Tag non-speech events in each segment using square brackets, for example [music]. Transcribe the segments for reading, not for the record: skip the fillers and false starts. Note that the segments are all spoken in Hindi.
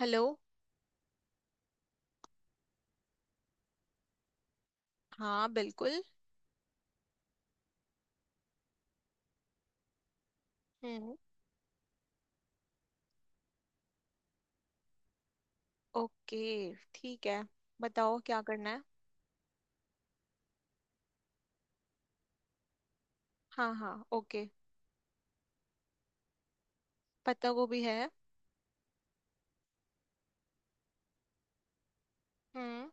हेलो। हाँ बिल्कुल। हम्म। ओके। ठीक है। बताओ क्या करना है। हाँ हाँ ओके। पत्ता गोभी है। हम्म।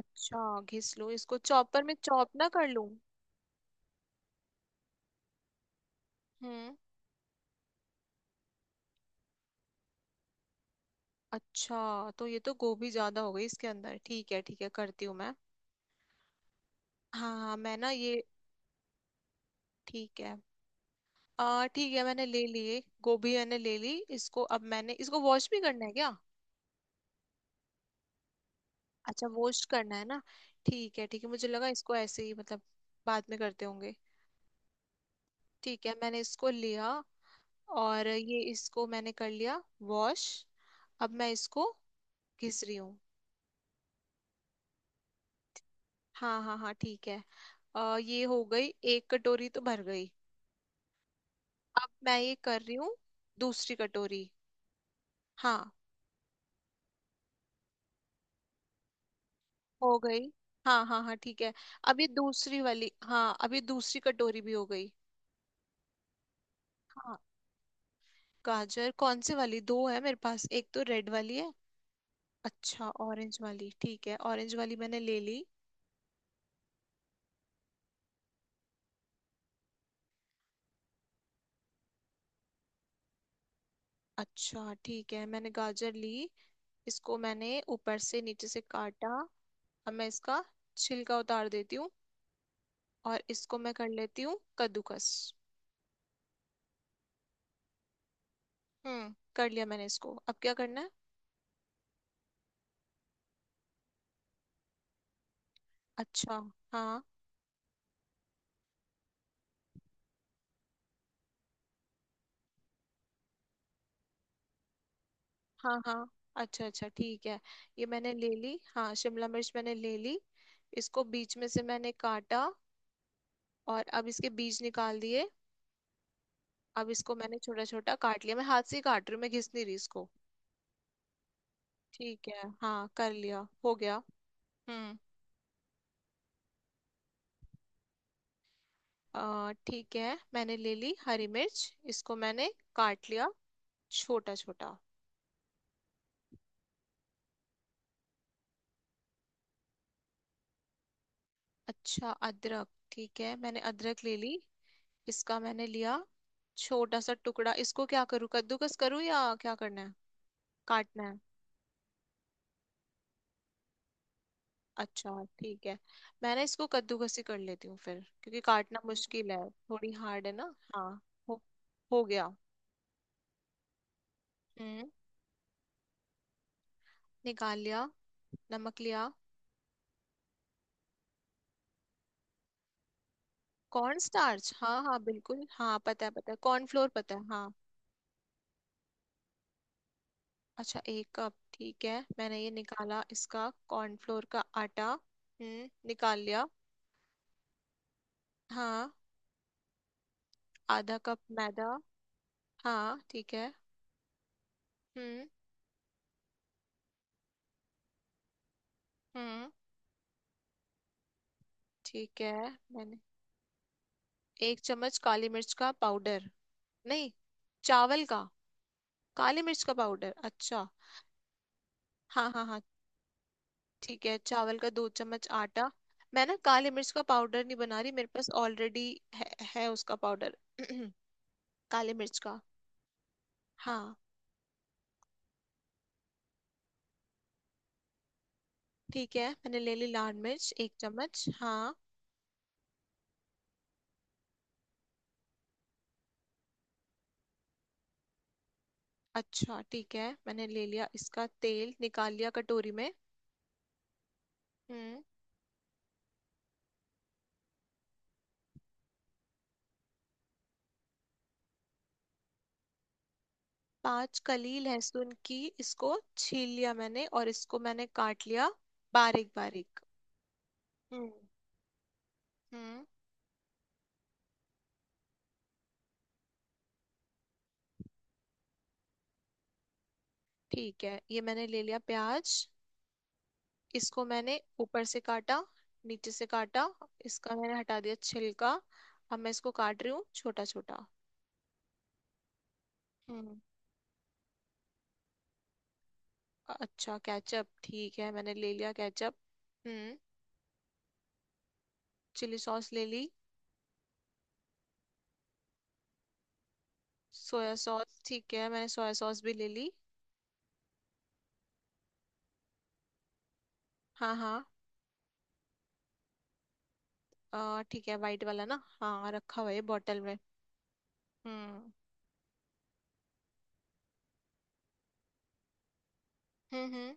अच्छा घिस लो इसको चॉपर में चॉप ना कर लूं। हम्म। अच्छा तो ये तो गोभी ज्यादा हो गई इसके अंदर। ठीक है ठीक है, करती हूँ मैं। हाँ हाँ मैं ना ये ठीक है। आ ठीक है, मैंने ले लिए गोभी मैंने ले ली। इसको अब मैंने, इसको वॉश भी करना है क्या? अच्छा वॉश करना है ना। ठीक है ठीक है, मुझे लगा इसको ऐसे ही मतलब बाद में करते होंगे। ठीक है मैंने इसको लिया और ये इसको मैंने कर लिया वॉश। अब मैं इसको घिस रही हूँ। हाँ हाँ हाँ ठीक है। ये हो गई, एक कटोरी तो भर गई। अब मैं ये कर रही हूँ दूसरी कटोरी। हाँ हो गई। हाँ हाँ हाँ ठीक है। अब ये दूसरी वाली, हाँ अब ये दूसरी कटोरी भी हो गई। हाँ गाजर कौन से वाली? दो है मेरे पास, एक तो रेड वाली है। अच्छा ऑरेंज वाली, ठीक है ऑरेंज वाली मैंने ले ली। अच्छा ठीक है मैंने गाजर ली। इसको मैंने ऊपर से नीचे से काटा। अब मैं इसका छिलका उतार देती हूँ और इसको मैं कर लेती हूँ कद्दूकस। हम्म, कर लिया मैंने इसको, अब क्या करना है? अच्छा। हाँ हाँ हाँ। अच्छा अच्छा ठीक है। ये मैंने ले ली, हाँ शिमला मिर्च मैंने ले ली। इसको बीच में से मैंने काटा और अब इसके बीज निकाल दिए। अब इसको मैंने छोटा छोटा काट लिया, मैं हाथ से ही काट रही हूँ, मैं घिस नहीं रही इसको। ठीक है हाँ कर लिया, हो गया। हम्म। ठीक है मैंने ले ली हरी मिर्च, इसको मैंने काट लिया छोटा छोटा। अच्छा अदरक, ठीक है मैंने अदरक ले ली। इसका मैंने लिया छोटा सा टुकड़ा, इसको क्या करूँ? कद्दूकस करूँ या क्या करना है, काटना है? अच्छा ठीक है। मैं ना इसको कद्दूकस ही कर लेती हूँ फिर, क्योंकि काटना मुश्किल है, थोड़ी हार्ड है ना। हाँ हो, हो गया। हम्म, निकाल लिया, नमक लिया। कॉर्न स्टार्च हाँ हाँ बिल्कुल, हाँ पता है पता है, कॉर्नफ्लोर पता है हाँ। अच्छा एक कप, ठीक है मैंने ये निकाला इसका कॉर्नफ्लोर का आटा। निकाल लिया। हाँ आधा कप मैदा। हाँ ठीक है। हम्म। हम्म ठीक है। मैंने एक चम्मच काली मिर्च का पाउडर, नहीं चावल का? काली मिर्च का पाउडर अच्छा। हाँ हाँ हाँ ठीक है चावल का दो चम्मच आटा। मैं ना काली मिर्च का पाउडर नहीं बना रही, मेरे पास ऑलरेडी है, है उसका पाउडर [clears throat] काली मिर्च का। हाँ ठीक है, मैंने ले ली लाल मिर्च एक चम्मच हाँ। अच्छा ठीक है मैंने ले लिया इसका तेल, निकाल लिया कटोरी में। हम्म। पांच कली लहसुन की, इसको छील लिया मैंने और इसको मैंने काट लिया बारीक बारीक। हम्म हम्म ठीक है। ये मैंने ले लिया प्याज। इसको मैंने ऊपर से काटा, नीचे से काटा, इसका मैंने हटा दिया छिलका। अब मैं इसको काट रही हूँ छोटा छोटा। हम्म। अच्छा केचप, ठीक है मैंने ले लिया केचप। हम्म चिली सॉस ले ली। सोया सॉस ठीक है, मैंने सोया सॉस भी ले ली। हाँ हाँ। ठीक है वाइट वाला ना, हाँ रखा हुआ है बॉटल में। हम्म हम्म। हम्म।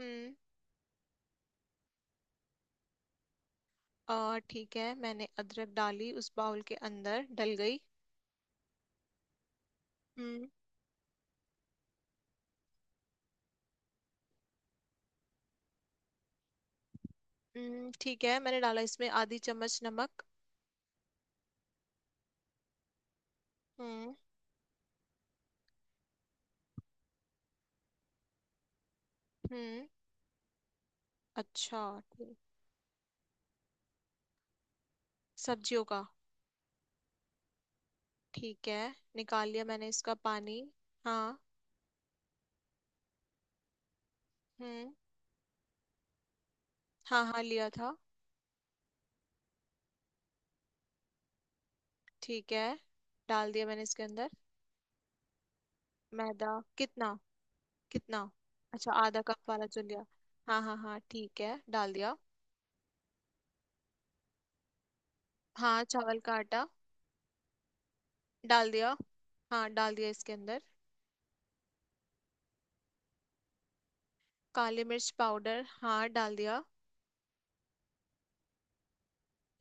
हम्म, ठीक है मैंने अदरक डाली, उस बाउल के अंदर डल गई। हम्म। ठीक है मैंने डाला इसमें आधी चम्मच नमक। हम्म। हम्म। अच्छा। ठीक, सब्जियों का। ठीक है निकाल लिया मैंने इसका पानी। हाँ। हम्म। हाँ हाँ लिया था। ठीक है डाल दिया मैंने इसके अंदर। मैदा कितना? कितना? अच्छा आधा कप वाला चल लिया। हाँ हाँ हाँ ठीक है डाल दिया। हाँ चावल का आटा, डाल दिया। हाँ डाल दिया इसके अंदर। काली मिर्च पाउडर हाँ डाल दिया।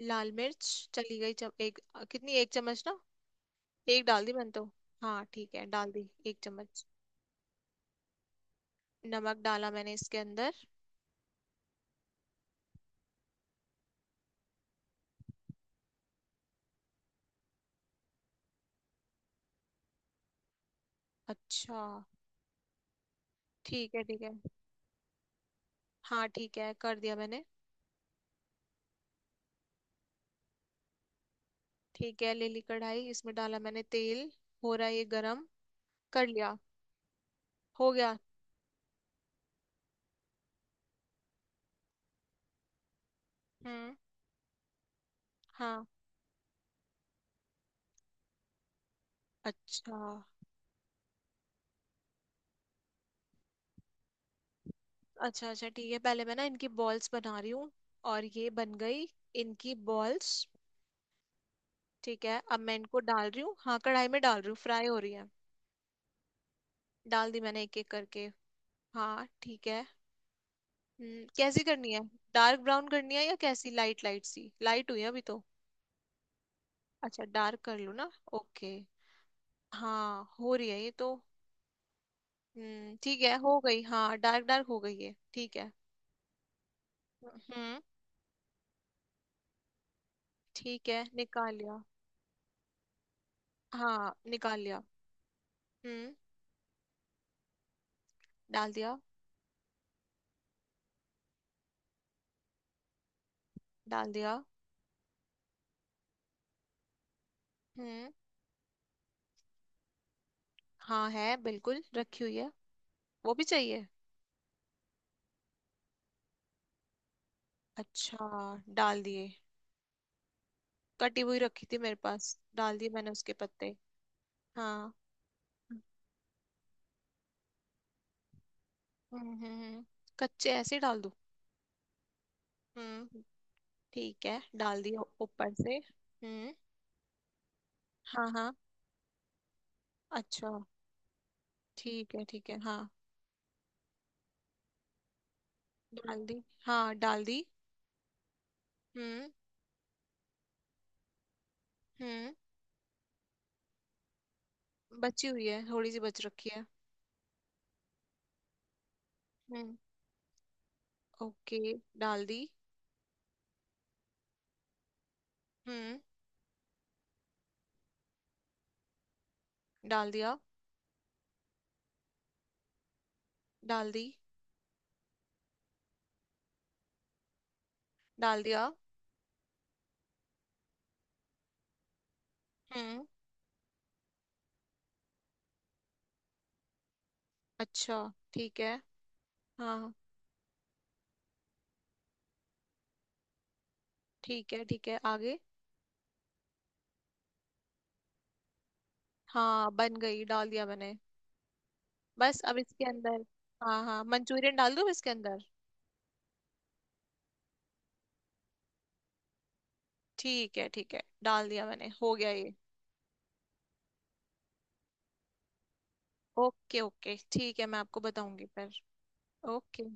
लाल मिर्च चली गई एक, कितनी एक चम्मच ना? एक डाल दी मैंने तो। हाँ ठीक है डाल दी एक चम्मच। नमक डाला मैंने इसके अंदर। अच्छा। ठीक है ठीक है। हाँ ठीक है कर दिया मैंने। ठीक है ले ली कढ़ाई, इसमें डाला मैंने तेल। हो रहा है ये गरम, कर लिया। हो गया। हम्म। हाँ। अच्छा। अच्छा अच्छा ठीक है, पहले मैं ना इनकी बॉल्स बना रही हूँ, और ये बन गई इनकी बॉल्स। ठीक है अब मैं इनको डाल रही हूँ, हाँ कढ़ाई में डाल रही हूँ, फ्राई हो रही है। डाल दी मैंने एक एक करके। हाँ ठीक है। कैसी करनी है? डार्क ब्राउन करनी है या कैसी? लाइट लाइट सी लाइट हुई है अभी तो। अच्छा डार्क कर लूँ ना, ओके। हाँ हो रही है ये तो। ठीक है हो गई, हाँ डार्क डार्क हो गई है, ठीक है। हम्म। ठीक है निकाल लिया। हाँ निकाल लिया। हम्म। डाल दिया। डाल दिया। हम्म। हाँ है बिल्कुल, रखी हुई है। वो भी चाहिए? अच्छा। डाल दिए, कटी हुई रखी थी मेरे पास, डाल दिए मैंने उसके पत्ते। हाँ। हम्म हम्म हम्म। कच्चे ऐसे ही डाल दूं? हम्म ठीक है डाल दिए ऊपर से। हम्म। हाँ हाँ। अच्छा ठीक है हाँ। डाल दी, हाँ डाल दी। हम्म। हम्म बची हुई है, थोड़ी सी बच रखी है। हम्म ओके डाल दी। हम्म। डाल दिया। डाल दी। डाल दिया। हम्म। अच्छा ठीक है। हाँ ठीक है आगे। हाँ बन गई, डाल दिया मैंने, बस अब इसके अंदर हाँ हाँ मंचूरियन डाल दूँ इसके अंदर? ठीक है डाल दिया मैंने, हो गया ये। ओके ओके ठीक है, मैं आपको बताऊंगी फिर। ओके।